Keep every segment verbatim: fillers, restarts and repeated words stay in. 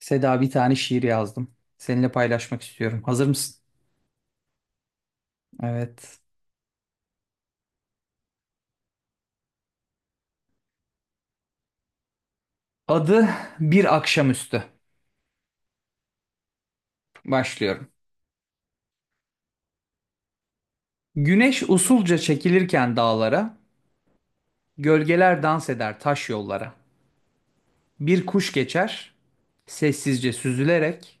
Seda bir tane şiir yazdım. Seninle paylaşmak istiyorum. Hazır mısın? Evet. Adı Bir Akşamüstü. Başlıyorum. Güneş usulca çekilirken dağlara, gölgeler dans eder taş yollara. Bir kuş geçer, sessizce süzülerek,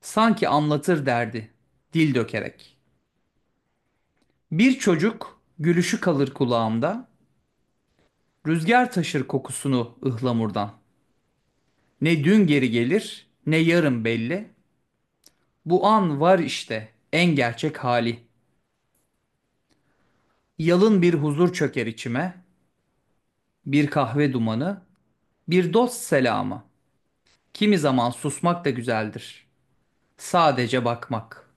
sanki anlatır derdi, dil dökerek. Bir çocuk gülüşü kalır kulağımda, rüzgar taşır kokusunu ıhlamurdan. Ne dün geri gelir, ne yarın belli. Bu an var işte en gerçek hali. Yalın bir huzur çöker içime, bir kahve dumanı, bir dost selamı. Kimi zaman susmak da güzeldir. Sadece bakmak,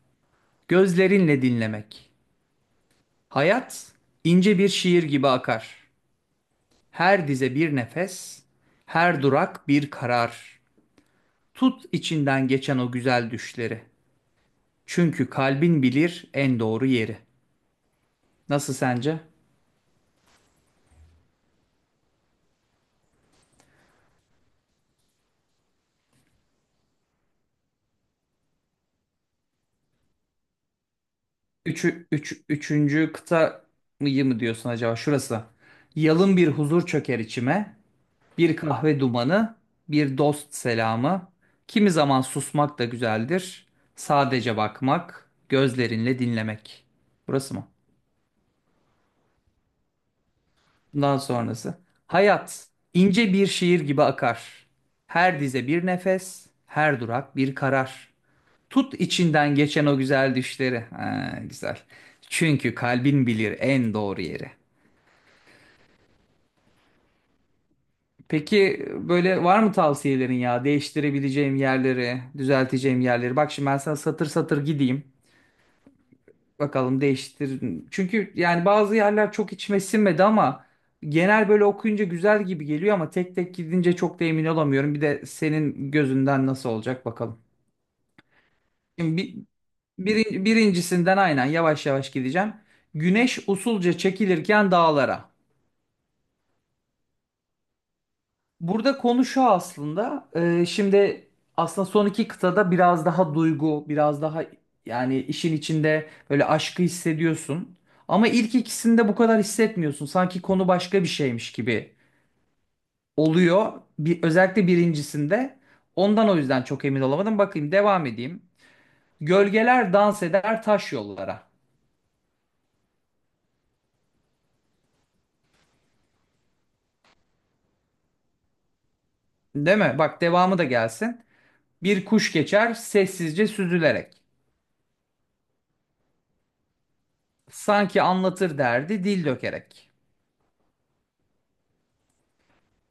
gözlerinle dinlemek. Hayat ince bir şiir gibi akar. Her dize bir nefes, her durak bir karar. Tut içinden geçen o güzel düşleri. Çünkü kalbin bilir en doğru yeri. Nasıl sence? Üçü, üç, üçüncü kıta mı mı diyorsun acaba? Şurası. Yalın bir huzur çöker içime. Bir kahve dumanı, bir dost selamı. Kimi zaman susmak da güzeldir. Sadece bakmak, gözlerinle dinlemek. Burası mı? Bundan sonrası. Hayat ince bir şiir gibi akar. Her dize bir nefes, her durak bir karar. Tut içinden geçen o güzel düşleri. Ha, güzel. Çünkü kalbin bilir en doğru yeri. Peki böyle var mı tavsiyelerin ya? Değiştirebileceğim yerleri, düzelteceğim yerleri. Bak şimdi ben sana satır satır gideyim. Bakalım değiştir. Çünkü yani bazı yerler çok içime sinmedi ama genel böyle okuyunca güzel gibi geliyor ama tek tek gidince çok da emin olamıyorum. Bir de senin gözünden nasıl olacak bakalım. Şimdi bir, birin- birincisinden aynen yavaş yavaş gideceğim. Güneş usulca çekilirken dağlara. Burada konu şu aslında. E, şimdi aslında son iki kıtada biraz daha duygu, biraz daha yani işin içinde böyle aşkı hissediyorsun. Ama ilk ikisinde bu kadar hissetmiyorsun. Sanki konu başka bir şeymiş gibi oluyor. Bir, özellikle birincisinde. Ondan o yüzden çok emin olamadım. Bakayım devam edeyim. Gölgeler dans eder taş yollara. Değil mi? Bak devamı da gelsin. Bir kuş geçer sessizce süzülerek. Sanki anlatır derdi dil dökerek.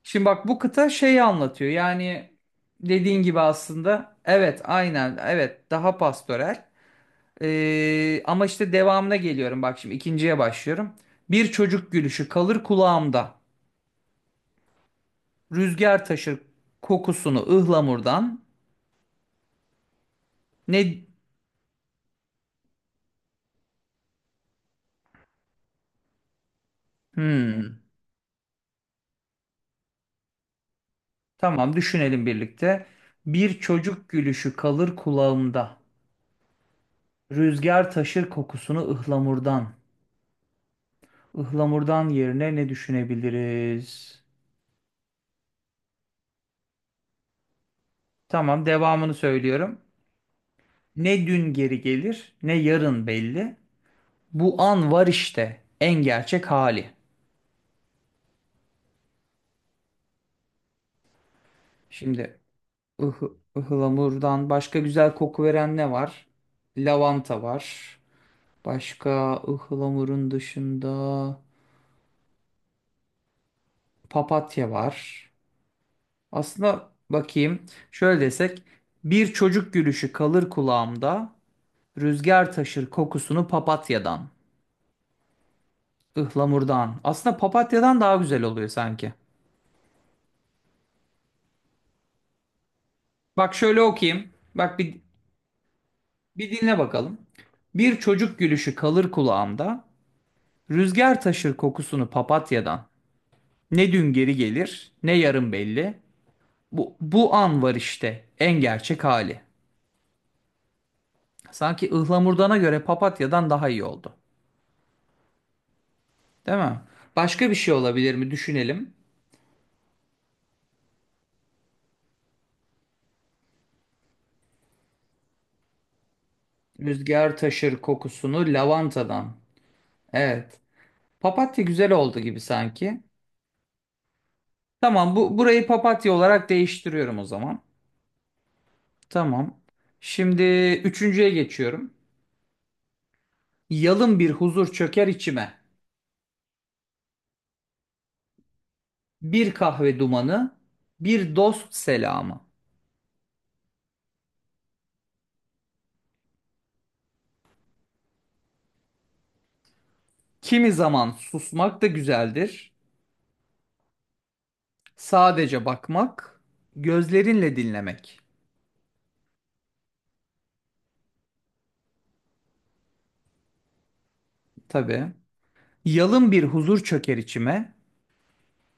Şimdi bak bu kıta şeyi anlatıyor. Yani dediğin gibi aslında evet aynen evet daha pastoral. Ee, ama işte devamına geliyorum bak şimdi ikinciye başlıyorum. Bir çocuk gülüşü kalır kulağımda. Rüzgar taşır kokusunu ıhlamurdan. Ne hmm, tamam düşünelim birlikte. Bir çocuk gülüşü kalır kulağımda. Rüzgar taşır kokusunu ıhlamurdan. Ihlamurdan yerine ne düşünebiliriz? Tamam, devamını söylüyorum. Ne dün geri gelir, ne yarın belli. Bu an var işte, en gerçek hali. Şimdi ıhı, ıhlamurdan başka güzel koku veren ne var? Lavanta var. Başka ıhlamurun dışında papatya var. Aslında bakayım, şöyle desek, bir çocuk gülüşü kalır kulağımda, rüzgar taşır kokusunu papatyadan, ıhlamurdan. Aslında papatyadan daha güzel oluyor sanki. Bak şöyle okuyayım. Bak bir, bir dinle bakalım. Bir çocuk gülüşü kalır kulağımda. Rüzgar taşır kokusunu papatyadan. Ne dün geri gelir, ne yarın belli. Bu, bu an var işte en gerçek hali. Sanki ıhlamurdana göre papatyadan daha iyi oldu. Değil mi? Başka bir şey olabilir mi? Düşünelim. Rüzgar taşır kokusunu lavantadan. Evet. Papatya güzel oldu gibi sanki. Tamam bu burayı papatya olarak değiştiriyorum o zaman. Tamam. Şimdi üçüncüye geçiyorum. Yalın bir huzur çöker içime. Bir kahve dumanı, bir dost selamı. Kimi zaman susmak da güzeldir. Sadece bakmak, gözlerinle dinlemek. Tabii. Yalın bir huzur çöker içime.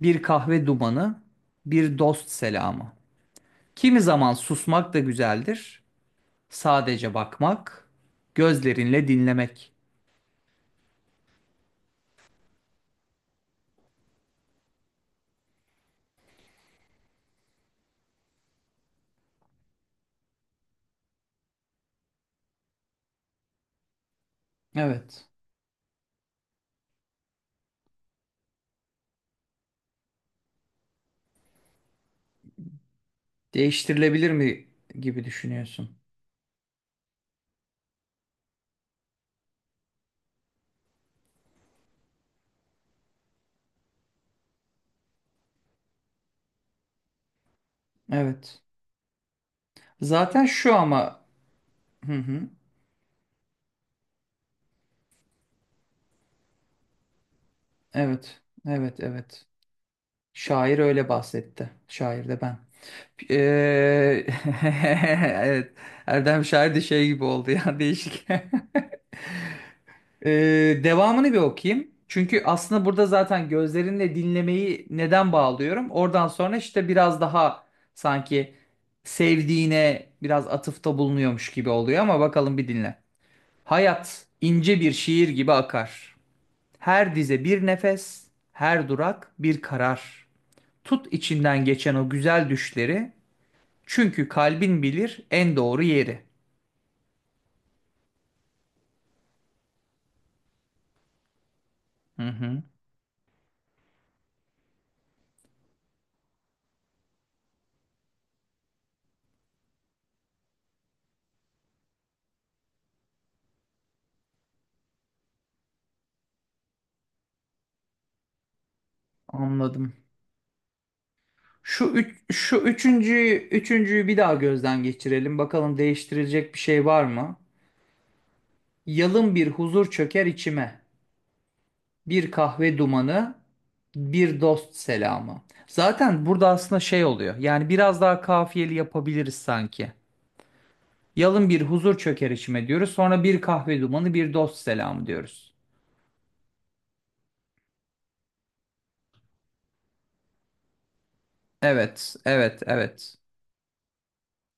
Bir kahve dumanı, bir dost selamı. Kimi zaman susmak da güzeldir. Sadece bakmak, gözlerinle dinlemek. Evet. Değiştirilebilir mi gibi düşünüyorsun. Evet. Zaten şu ama hı hı. Evet. Evet, evet. Şair öyle bahsetti. Şair de ben. Eee, Evet. Erdem Şair de şey gibi oldu ya değişik. Eee, devamını bir okuyayım. Çünkü aslında burada zaten gözlerinle dinlemeyi neden bağlıyorum? Oradan sonra işte biraz daha sanki sevdiğine biraz atıfta bulunuyormuş gibi oluyor ama bakalım bir dinle. Hayat ince bir şiir gibi akar. Her dize bir nefes, her durak bir karar. Tut içinden geçen o güzel düşleri, çünkü kalbin bilir en doğru yeri. Hı hı, anladım. Şu üç, şu üçüncüyü, üçüncüyü bir daha gözden geçirelim. Bakalım değiştirilecek bir şey var mı? Yalın bir huzur çöker içime. Bir kahve dumanı, bir dost selamı. Zaten burada aslında şey oluyor. Yani biraz daha kafiyeli yapabiliriz sanki. Yalın bir huzur çöker içime diyoruz. Sonra bir kahve dumanı, bir dost selamı diyoruz. Evet, evet, evet.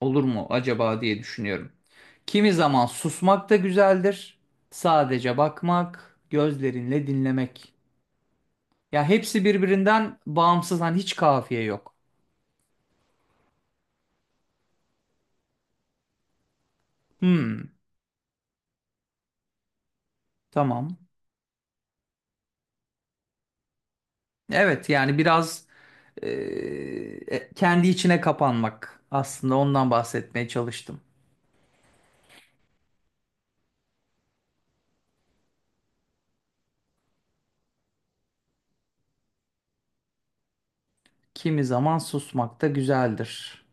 Olur mu acaba diye düşünüyorum. Kimi zaman susmak da güzeldir. Sadece bakmak, gözlerinle dinlemek. Ya hepsi birbirinden bağımsız hani hiç kafiye yok. Hmm, tamam. Evet yani biraz eee, e, kendi içine kapanmak. Aslında ondan bahsetmeye çalıştım. Kimi zaman susmak da güzeldir.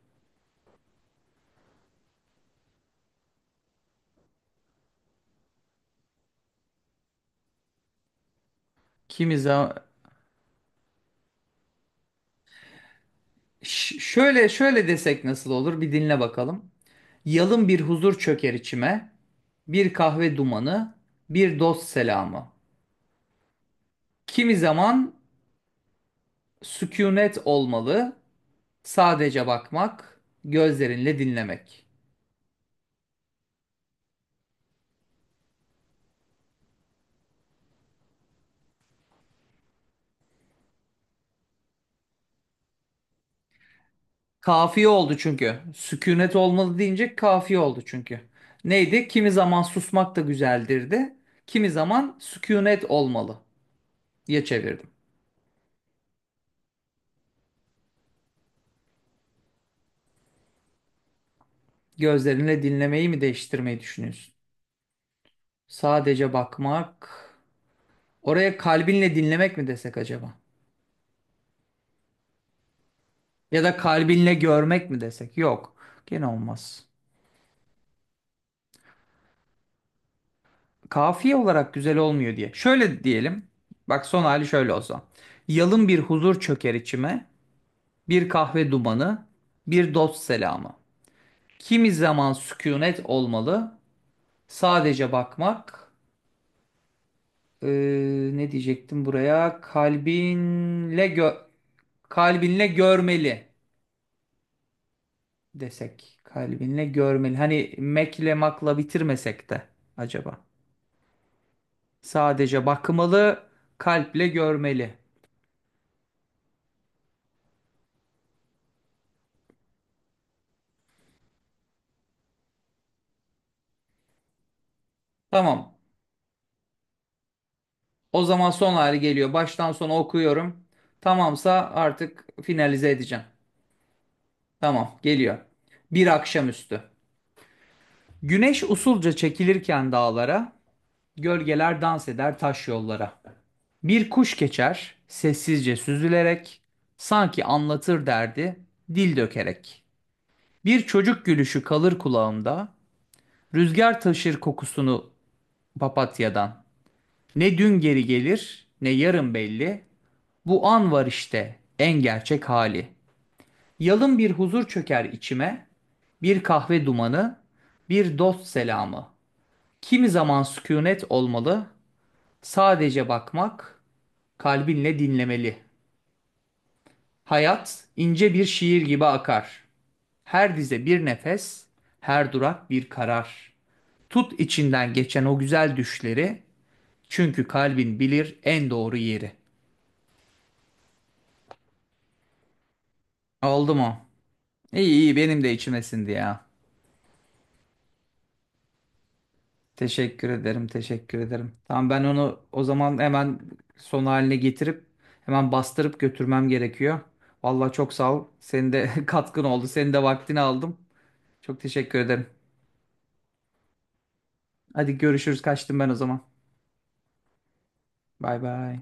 Kimi zaman Ş- şöyle şöyle desek nasıl olur? Bir dinle bakalım. Yalın bir huzur çöker içime. Bir kahve dumanı, bir dost selamı. Kimi zaman sükunet olmalı. Sadece bakmak, gözlerinle dinlemek. Kafiye oldu çünkü. Sükunet olmalı deyince kafiye oldu çünkü. Neydi? Kimi zaman susmak da güzeldir de. Kimi zaman sükunet olmalı diye çevirdim. Gözlerinle dinlemeyi mi değiştirmeyi düşünüyorsun? Sadece bakmak. Oraya kalbinle dinlemek mi desek acaba? Ya da kalbinle görmek mi desek? Yok. Gene olmaz. Kafiye olarak güzel olmuyor diye. Şöyle diyelim. Bak son hali şöyle olsa. Yalın bir huzur çöker içime. Bir kahve dumanı. Bir dost selamı. Kimi zaman sükunet olmalı. Sadece bakmak. Ee, Ne diyecektim buraya? Kalbinle gö kalbinle görmeli. Desek kalbinle görmeli. Hani mekle makla bitirmesek de acaba. Sadece bakmalı, kalple görmeli. Tamam. O zaman son hali geliyor. Baştan sona okuyorum. Tamamsa artık finalize edeceğim. Tamam, geliyor. Bir akşamüstü. Güneş usulca çekilirken dağlara, gölgeler dans eder taş yollara. Bir kuş geçer, sessizce süzülerek, sanki anlatır derdi, dil dökerek. Bir çocuk gülüşü kalır kulağımda, rüzgar taşır kokusunu papatyadan. Ne dün geri gelir, ne yarın belli, bu an var işte en gerçek hali. Yalın bir huzur çöker içime, bir kahve dumanı, bir dost selamı. Kimi zaman sükunet olmalı, sadece bakmak, kalbinle dinlemeli. Hayat ince bir şiir gibi akar. Her dize bir nefes, her durak bir karar. Tut içinden geçen o güzel düşleri. Çünkü kalbin bilir en doğru yeri. Oldu mu? İyi iyi benim de içime sindi ya. Teşekkür ederim, teşekkür ederim. Tamam ben onu o zaman hemen son haline getirip hemen bastırıp götürmem gerekiyor. Vallahi çok sağ ol. Senin de katkın oldu. Senin de vaktini aldım. Çok teşekkür ederim. Hadi görüşürüz. Kaçtım ben o zaman. Bay bay.